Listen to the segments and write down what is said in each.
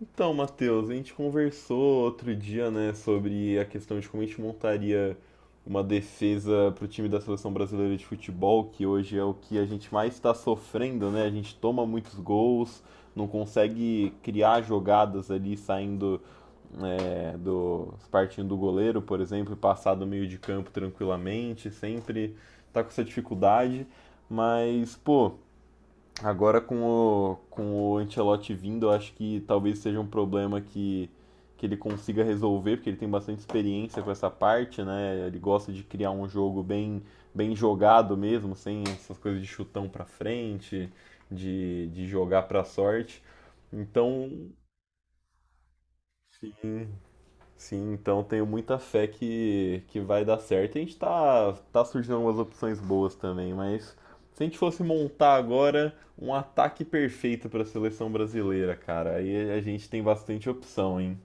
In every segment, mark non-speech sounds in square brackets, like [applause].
Então, Matheus, a gente conversou outro dia, né, sobre a questão de como a gente montaria uma defesa para o time da seleção brasileira de futebol, que hoje é o que a gente mais está sofrendo, né? A gente toma muitos gols, não consegue criar jogadas ali saindo, do partindo do goleiro, por exemplo, e passar do meio de campo tranquilamente, sempre tá com essa dificuldade. Mas, pô, agora com o Ancelotti vindo, eu acho que talvez seja um problema que ele consiga resolver, porque ele tem bastante experiência com essa parte, né? Ele gosta de criar um jogo bem, bem jogado mesmo, sem essas coisas de chutão pra frente, de jogar pra sorte. Então, sim. Sim, então tenho muita fé que vai dar certo. A gente tá surgindo algumas opções boas também, mas se a gente fosse montar agora um ataque perfeito para a seleção brasileira, cara, aí a gente tem bastante opção, hein?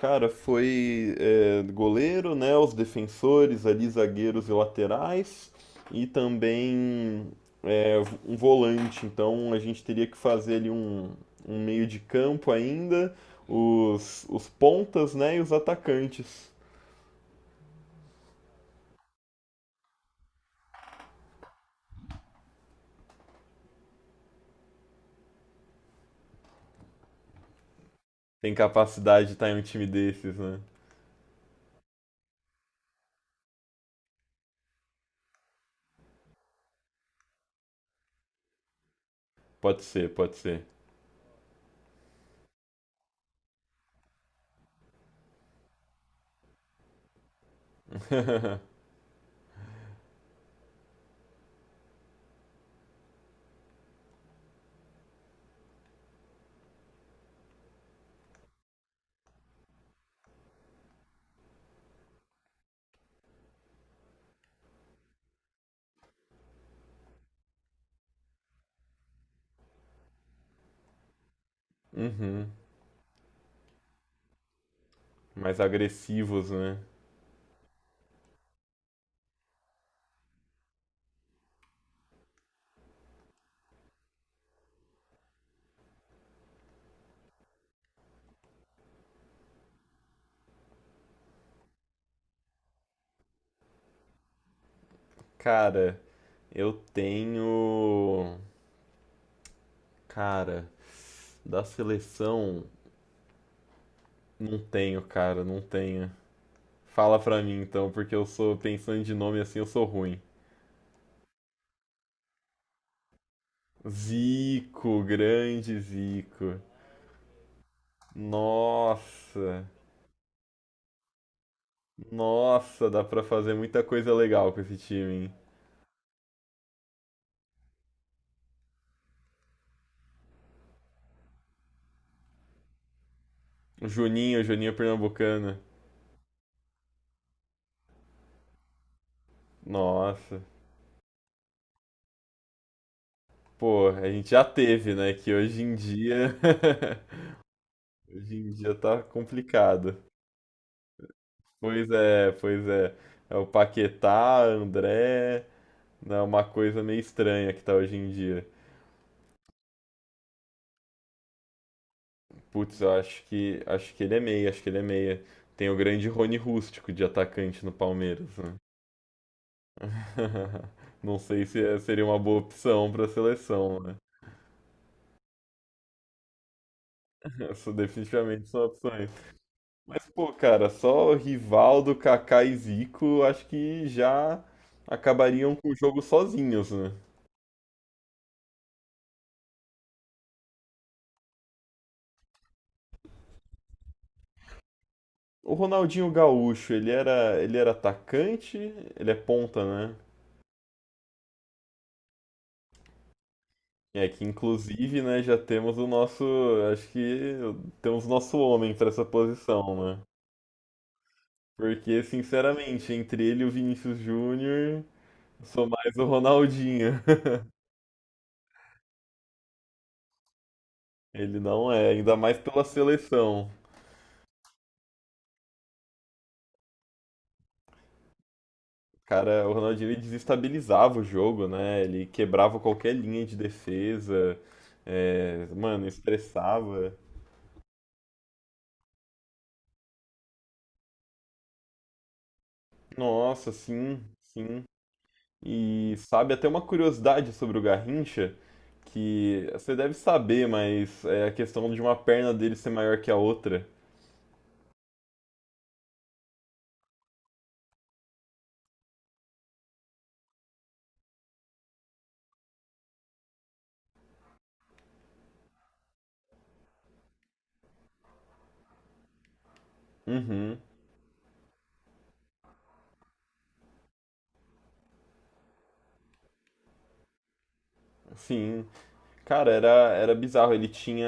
Cara, foi goleiro, né? Os defensores ali, zagueiros e laterais, e também é, um volante. Então a gente teria que fazer ali um, um meio de campo ainda, os pontas, né? E os atacantes. Tem capacidade de estar em um time desses, né? Pode ser, pode ser. Uhum. Mais agressivos, né? Cara, eu tenho. Cara, da seleção. Não tenho, cara, não tenho. Fala pra mim então, porque eu sou, pensando de nome assim, eu sou ruim. Zico, grande Zico. Nossa, nossa, dá pra fazer muita coisa legal com esse time, hein? O Juninho Pernambucano. Nossa, pô, a gente já teve, né? Que hoje em dia. [laughs] Hoje em dia tá complicado. Pois é, pois é. É o Paquetá, André. É uma coisa meio estranha que tá hoje em dia. Putz, eu acho que ele é meia, acho que ele é meia. Tem o grande Rony Rústico de atacante no Palmeiras, né? [laughs] Não sei se seria uma boa opção para seleção, né? [laughs] Isso definitivamente são opções. Pô, cara, só Rivaldo, Kaká e Zico, acho que já acabariam com o jogo sozinhos, né? O Ronaldinho Gaúcho, ele era atacante, ele é ponta, né? É que inclusive, né, já temos o nosso, acho que temos o nosso homem para essa posição, né? Porque, sinceramente, entre ele e o Vinícius Júnior, eu sou mais o Ronaldinho. [laughs] Ele não é, ainda mais pela seleção. Cara, o Ronaldinho ele desestabilizava o jogo, né? Ele quebrava qualquer linha de defesa, é, mano, estressava. Nossa, sim, sim. E sabe, até uma curiosidade sobre o Garrincha, que você deve saber, mas é a questão de uma perna dele ser maior que a outra. Uhum, sim. Cara, era, era bizarro. Ele tinha,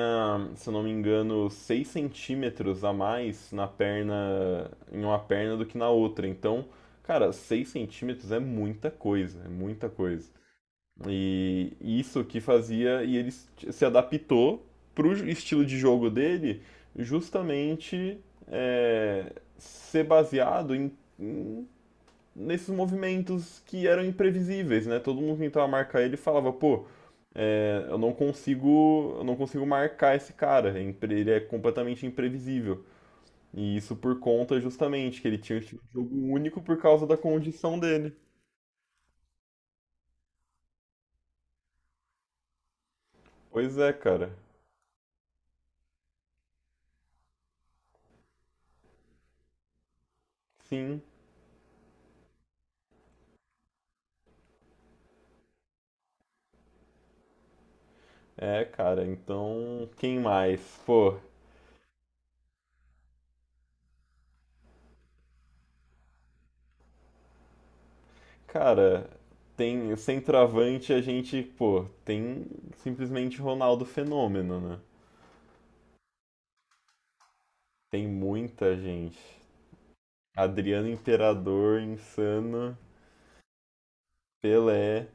se eu não me engano, 6 cm a mais na perna, em uma perna do que na outra. Então, cara, 6 cm é muita coisa, é muita coisa. E isso que fazia, e ele se adaptou para o estilo de jogo dele, justamente é, ser baseado em, em- nesses movimentos que eram imprevisíveis, né? Todo mundo tentava marcar ele e falava, pô, eu não consigo marcar esse cara, é ele é completamente imprevisível. E isso por conta justamente que ele tinha um estilo de jogo único por causa da condição dele. Pois é, cara. Sim. É, cara, então quem mais? Pô, cara, tem centroavante a gente, pô, tem simplesmente Ronaldo Fenômeno, né? Tem muita gente. Adriano Imperador, Insano, Pelé.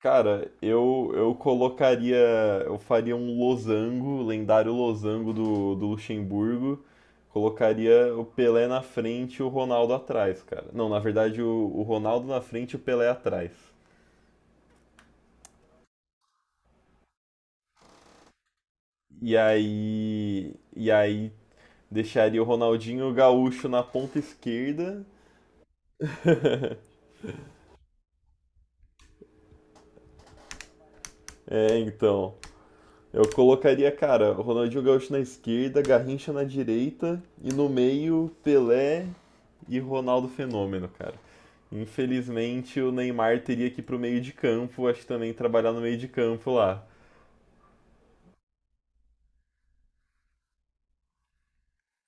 Cara, eu colocaria, eu faria um losango, lendário losango do Luxemburgo. Colocaria o Pelé na frente e o Ronaldo atrás, cara. Não, na verdade, o Ronaldo na frente e o Pelé atrás. E aí deixaria o Ronaldinho Gaúcho na ponta esquerda. É, então, eu colocaria, cara, o Ronaldinho Gaúcho na esquerda, Garrincha na direita e no meio Pelé e Ronaldo Fenômeno, cara. Infelizmente o Neymar teria que ir pro meio de campo, acho que também trabalhar no meio de campo lá.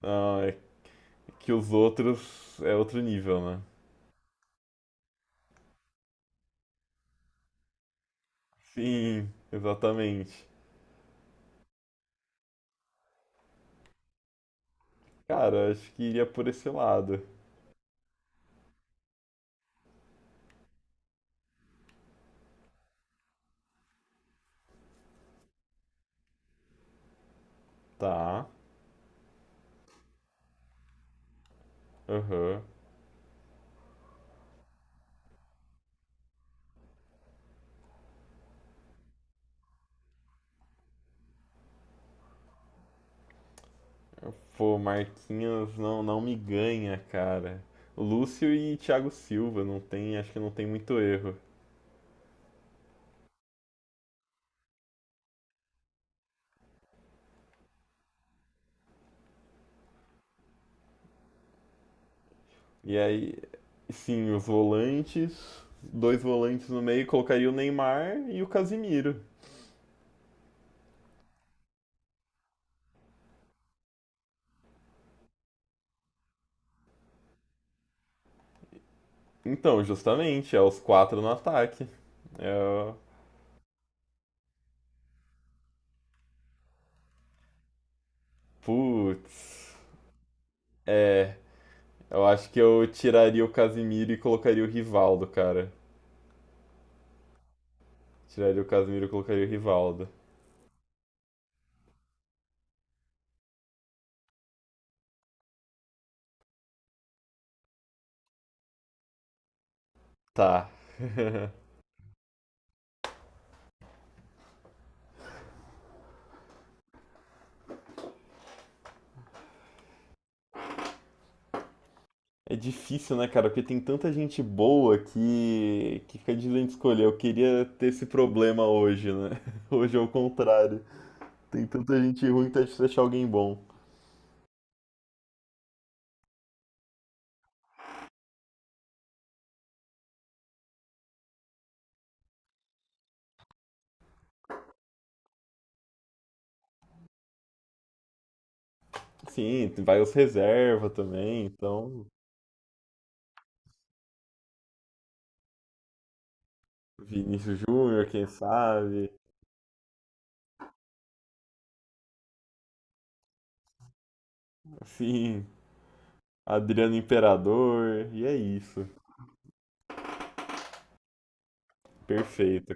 Ah, é que os outros é outro nível, né? Sim, exatamente. Cara, acho que iria por esse lado. Tá, aham. Pô, Marquinhos não me ganha, cara. Lúcio e Thiago Silva, não tem, acho que não tem muito erro. E aí, sim, os volantes, dois volantes no meio, colocaria o Neymar e o Casimiro. Então, justamente, é os quatro no ataque. É, putz. É, eu acho que eu tiraria o Casimiro e colocaria o Rivaldo, cara. Tiraria o Casimiro e colocaria o Rivaldo. Tá. [laughs] É difícil, né, cara? Porque tem tanta gente boa que fica difícil de escolher. Eu queria ter esse problema hoje, né? [laughs] Hoje é o contrário. Tem tanta gente ruim que tá difícil achar alguém bom. Sim, vai os reserva também, então. Vinícius Júnior, quem sabe? Sim, Adriano Imperador. E é isso. Perfeito.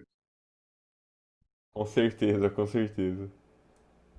Com certeza, com certeza.